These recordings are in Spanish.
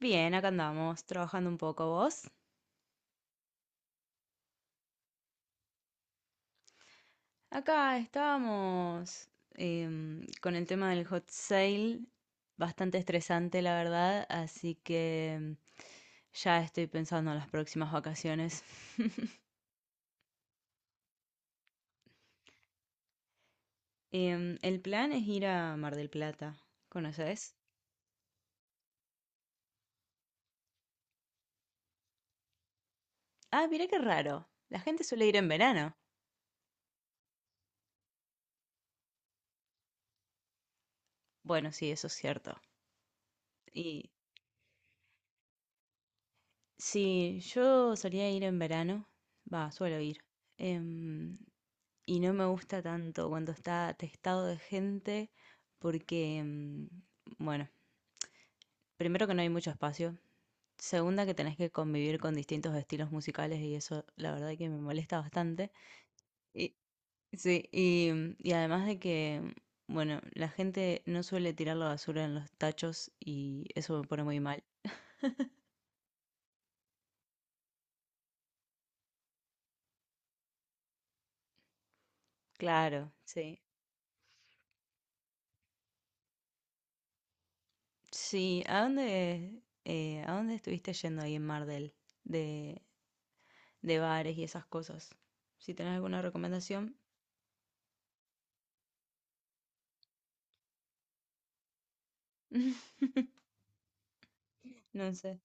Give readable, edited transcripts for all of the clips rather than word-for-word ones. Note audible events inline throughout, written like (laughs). Bien, acá andamos, trabajando un poco vos. Acá estábamos, con el tema del hot sale, bastante estresante la verdad, así que ya estoy pensando en las próximas vacaciones. (laughs) El plan es ir a Mar del Plata, ¿conoces? Ah, mirá qué raro, la gente suele ir en verano. Bueno, sí, eso es cierto. Y sí, yo solía ir en verano, va, suelo ir. Em, y no me gusta tanto cuando está atestado de gente porque, bueno, primero que no hay mucho espacio, segunda que tenés que convivir con distintos estilos musicales y eso la verdad que me molesta bastante. Y, sí, y además de que, bueno, la gente no suele tirar la basura en los tachos y eso me pone muy mal. Claro, sí. Sí, ¿a dónde estuviste yendo ahí en Mar del? De, de bares y esas cosas. Si tenés alguna recomendación, (laughs) no sé.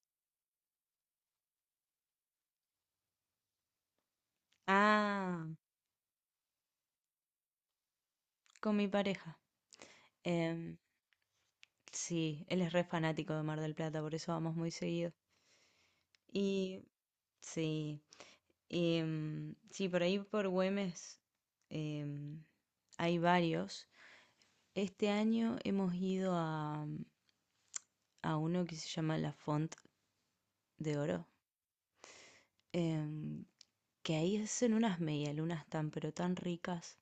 Ah, con mi pareja. Em, sí, él es re fanático de Mar del Plata, por eso vamos muy seguido. Y sí, sí, por ahí por Güemes, em, hay varios. Este año hemos ido a uno que se llama La Font de Oro, em, que ahí hacen unas medialunas tan pero tan ricas.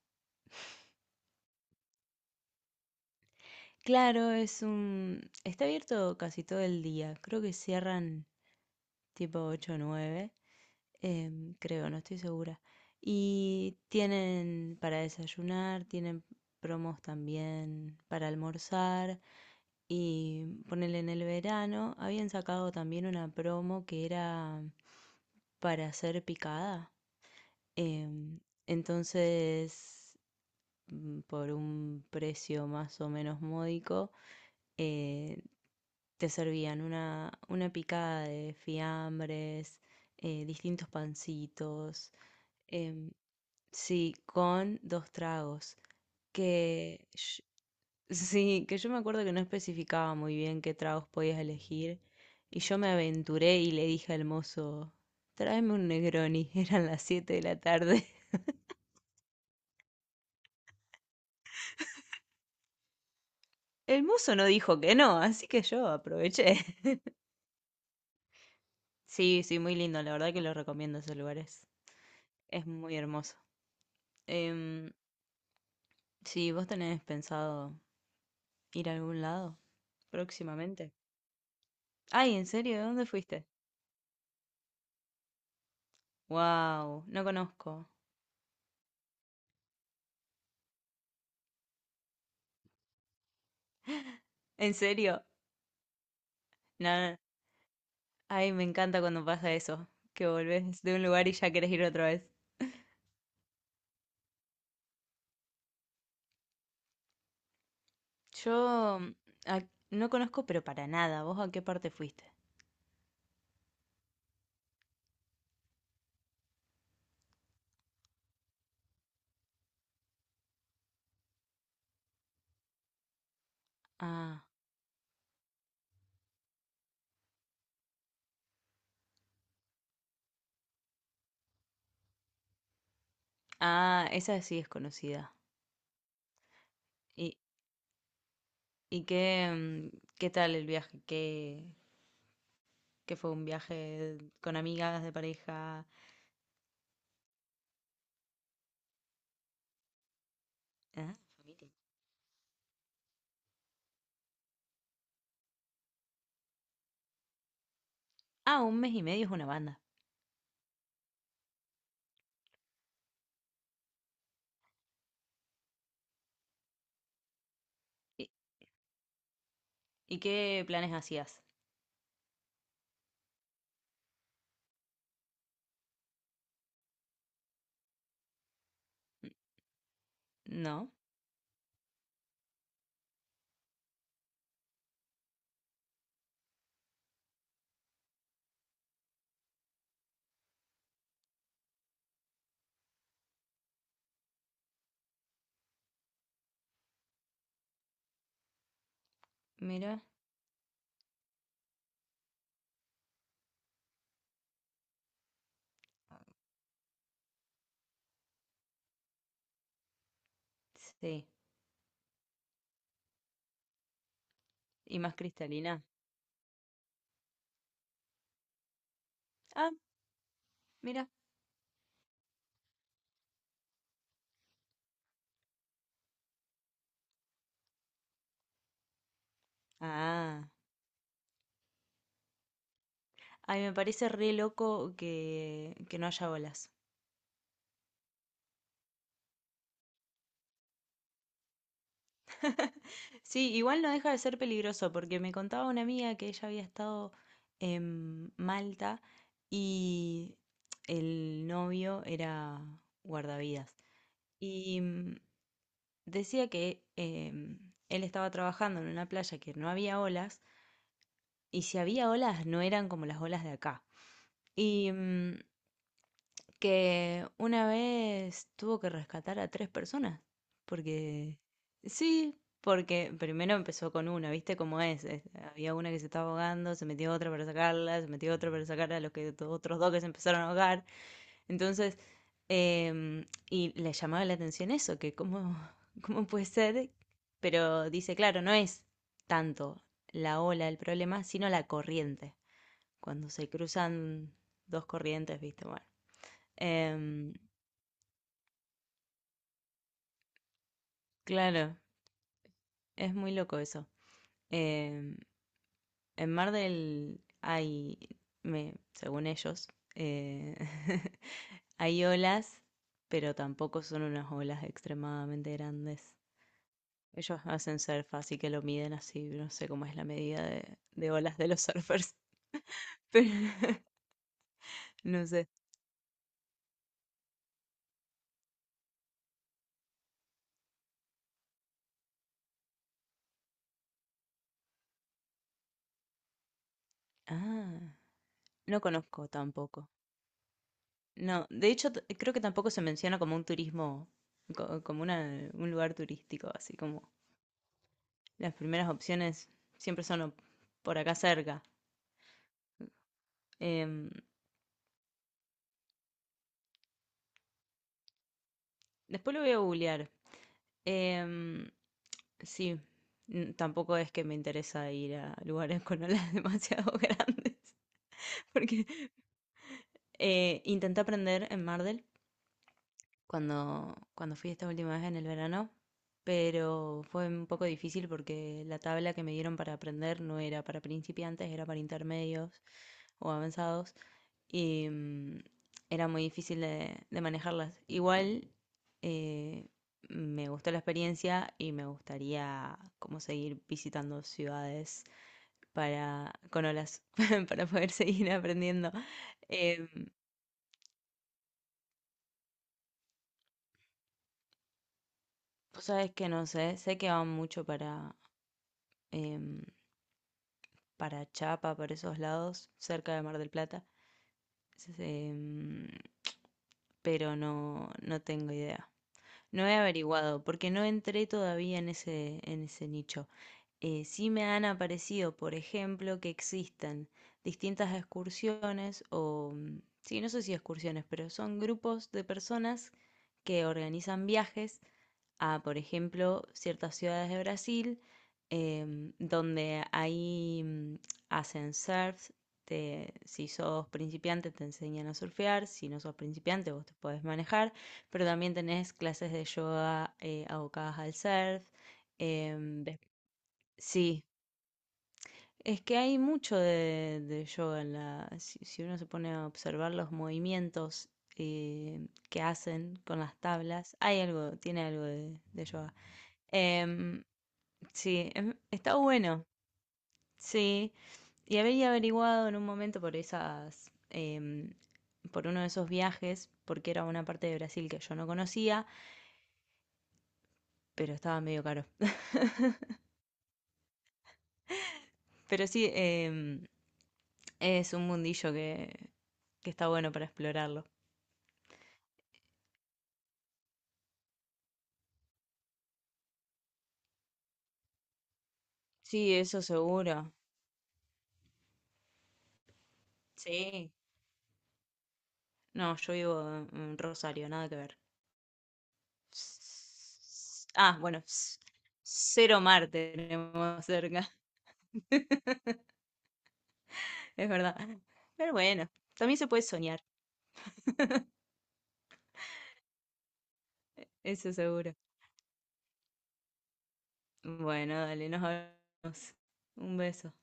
Claro, Está abierto casi todo el día. Creo que cierran tipo 8 o 9. Creo, no estoy segura. Y tienen para desayunar, tienen promos también para almorzar. Y ponerle en el verano, habían sacado también una promo que era para hacer picada. em, entonces, por un precio más o menos módico, eh, te servían una picada de fiambres, distintos pancitos, em, sí, con dos tragos, que sh- (laughs) sí, que yo me acuerdo que no especificaba muy bien qué tragos podías elegir, y yo me aventuré y le dije al mozo, tráeme un Negroni, (laughs) eran las 7 de la tarde. El mozo no dijo que no, así que yo aproveché. (laughs) Sí, sí, muy lindo, la verdad que lo recomiendo esos lugares. Es muy hermoso. Em, sí, ¿vos tenés pensado ir a algún lado próximamente? Ay, ¿en serio? ¿De dónde fuiste? Wow, no conozco. ¿En serio? Nada. Ay, me encanta cuando pasa eso, que volvés de un lugar y ya querés ir otra vez. Yo a- no conozco, pero para nada. ¿Vos a qué parte fuiste? Ah, ah, esa sí es conocida. ¿Y, y qué tal el viaje? ¿Qué fue un viaje con amigas de pareja? Ah, familia. Ah, un mes y medio es una banda. ¿Y, y qué planes hacías? No, mira, sí. ¿Y más cristalina? Ah, mira. Ah, ay, me parece re loco que no haya olas. Sí, igual no deja de ser peligroso, porque me contaba una amiga que ella había estado en Malta y el novio era guardavidas. Y decía que él estaba trabajando en una playa que no había olas, y si había olas no eran como las olas de acá. Y que una vez tuvo que rescatar a tres personas, porque sí, porque primero empezó con una, ¿viste cómo es? Es- había una que se estaba ahogando, se metió otra para sacarla, se metió otra para sacar a los que otros dos que se empezaron a ahogar, entonces, y le llamaba la atención eso, que cómo, (laughs) cómo puede ser, pero dice, claro, no es tanto la ola el problema, sino la corriente. Cuando se cruzan dos corrientes, viste, bueno. Em, claro, es muy loco eso. Em, en Mar del hay, me, según ellos, eh, (laughs) hay olas, pero tampoco son unas olas extremadamente grandes. Ellos hacen surf, así que lo miden así, no sé cómo es la medida de olas de los surfers. (laughs) Pero (laughs) no sé. Ah, no conozco tampoco. No, de hecho creo que tampoco se menciona como un turismo, como un lugar turístico, así como las primeras opciones siempre son por acá cerca. Em, Después lo voy a googlear. Em, sí, tampoco es que me interesa ir a lugares con olas (laughs) demasiado grandes, (laughs) porque intenté aprender en Mar del cuando fui esta última vez en el verano, pero fue un poco difícil porque la tabla que me dieron para aprender no era para principiantes, era para intermedios o avanzados y era muy difícil de manejarlas. Igual eh, me gustó la experiencia y me gustaría como seguir visitando ciudades para con olas (laughs) para poder seguir aprendiendo. Em, Vos sabés que no sé, sé que van mucho para, em, para Chapa, para esos lados, cerca de Mar del Plata, S- em, pero no, no tengo idea. No he averiguado, porque no entré todavía en ese nicho. Sí me han aparecido, por ejemplo, que existen distintas excursiones o, sí, no sé si excursiones, pero son grupos de personas que organizan viajes a, por ejemplo, ciertas ciudades de Brasil, donde ahí hacen surf. Si sos principiante te enseñan a surfear, si no sos principiante vos te podés manejar, pero también tenés clases de yoga, abocadas al surf. em, des- sí, es que hay mucho de yoga en la... Si, si uno se pone a observar los movimientos, que hacen con las tablas, hay algo, tiene algo de yoga. Em, sí, está bueno, sí. Y había averiguado en un momento por esas, por uno de esos viajes, porque era una parte de Brasil que yo no conocía, pero estaba medio caro. (laughs) Pero sí, es un mundillo que está bueno para explorarlo. Sí, eso seguro. Sí. No, yo vivo en Rosario, nada que ver. Ah, bueno, cero mar tenemos cerca. (laughs) Es verdad. Pero bueno, también se puede soñar, eso seguro. Bueno, dale, nos hablamos. Un beso.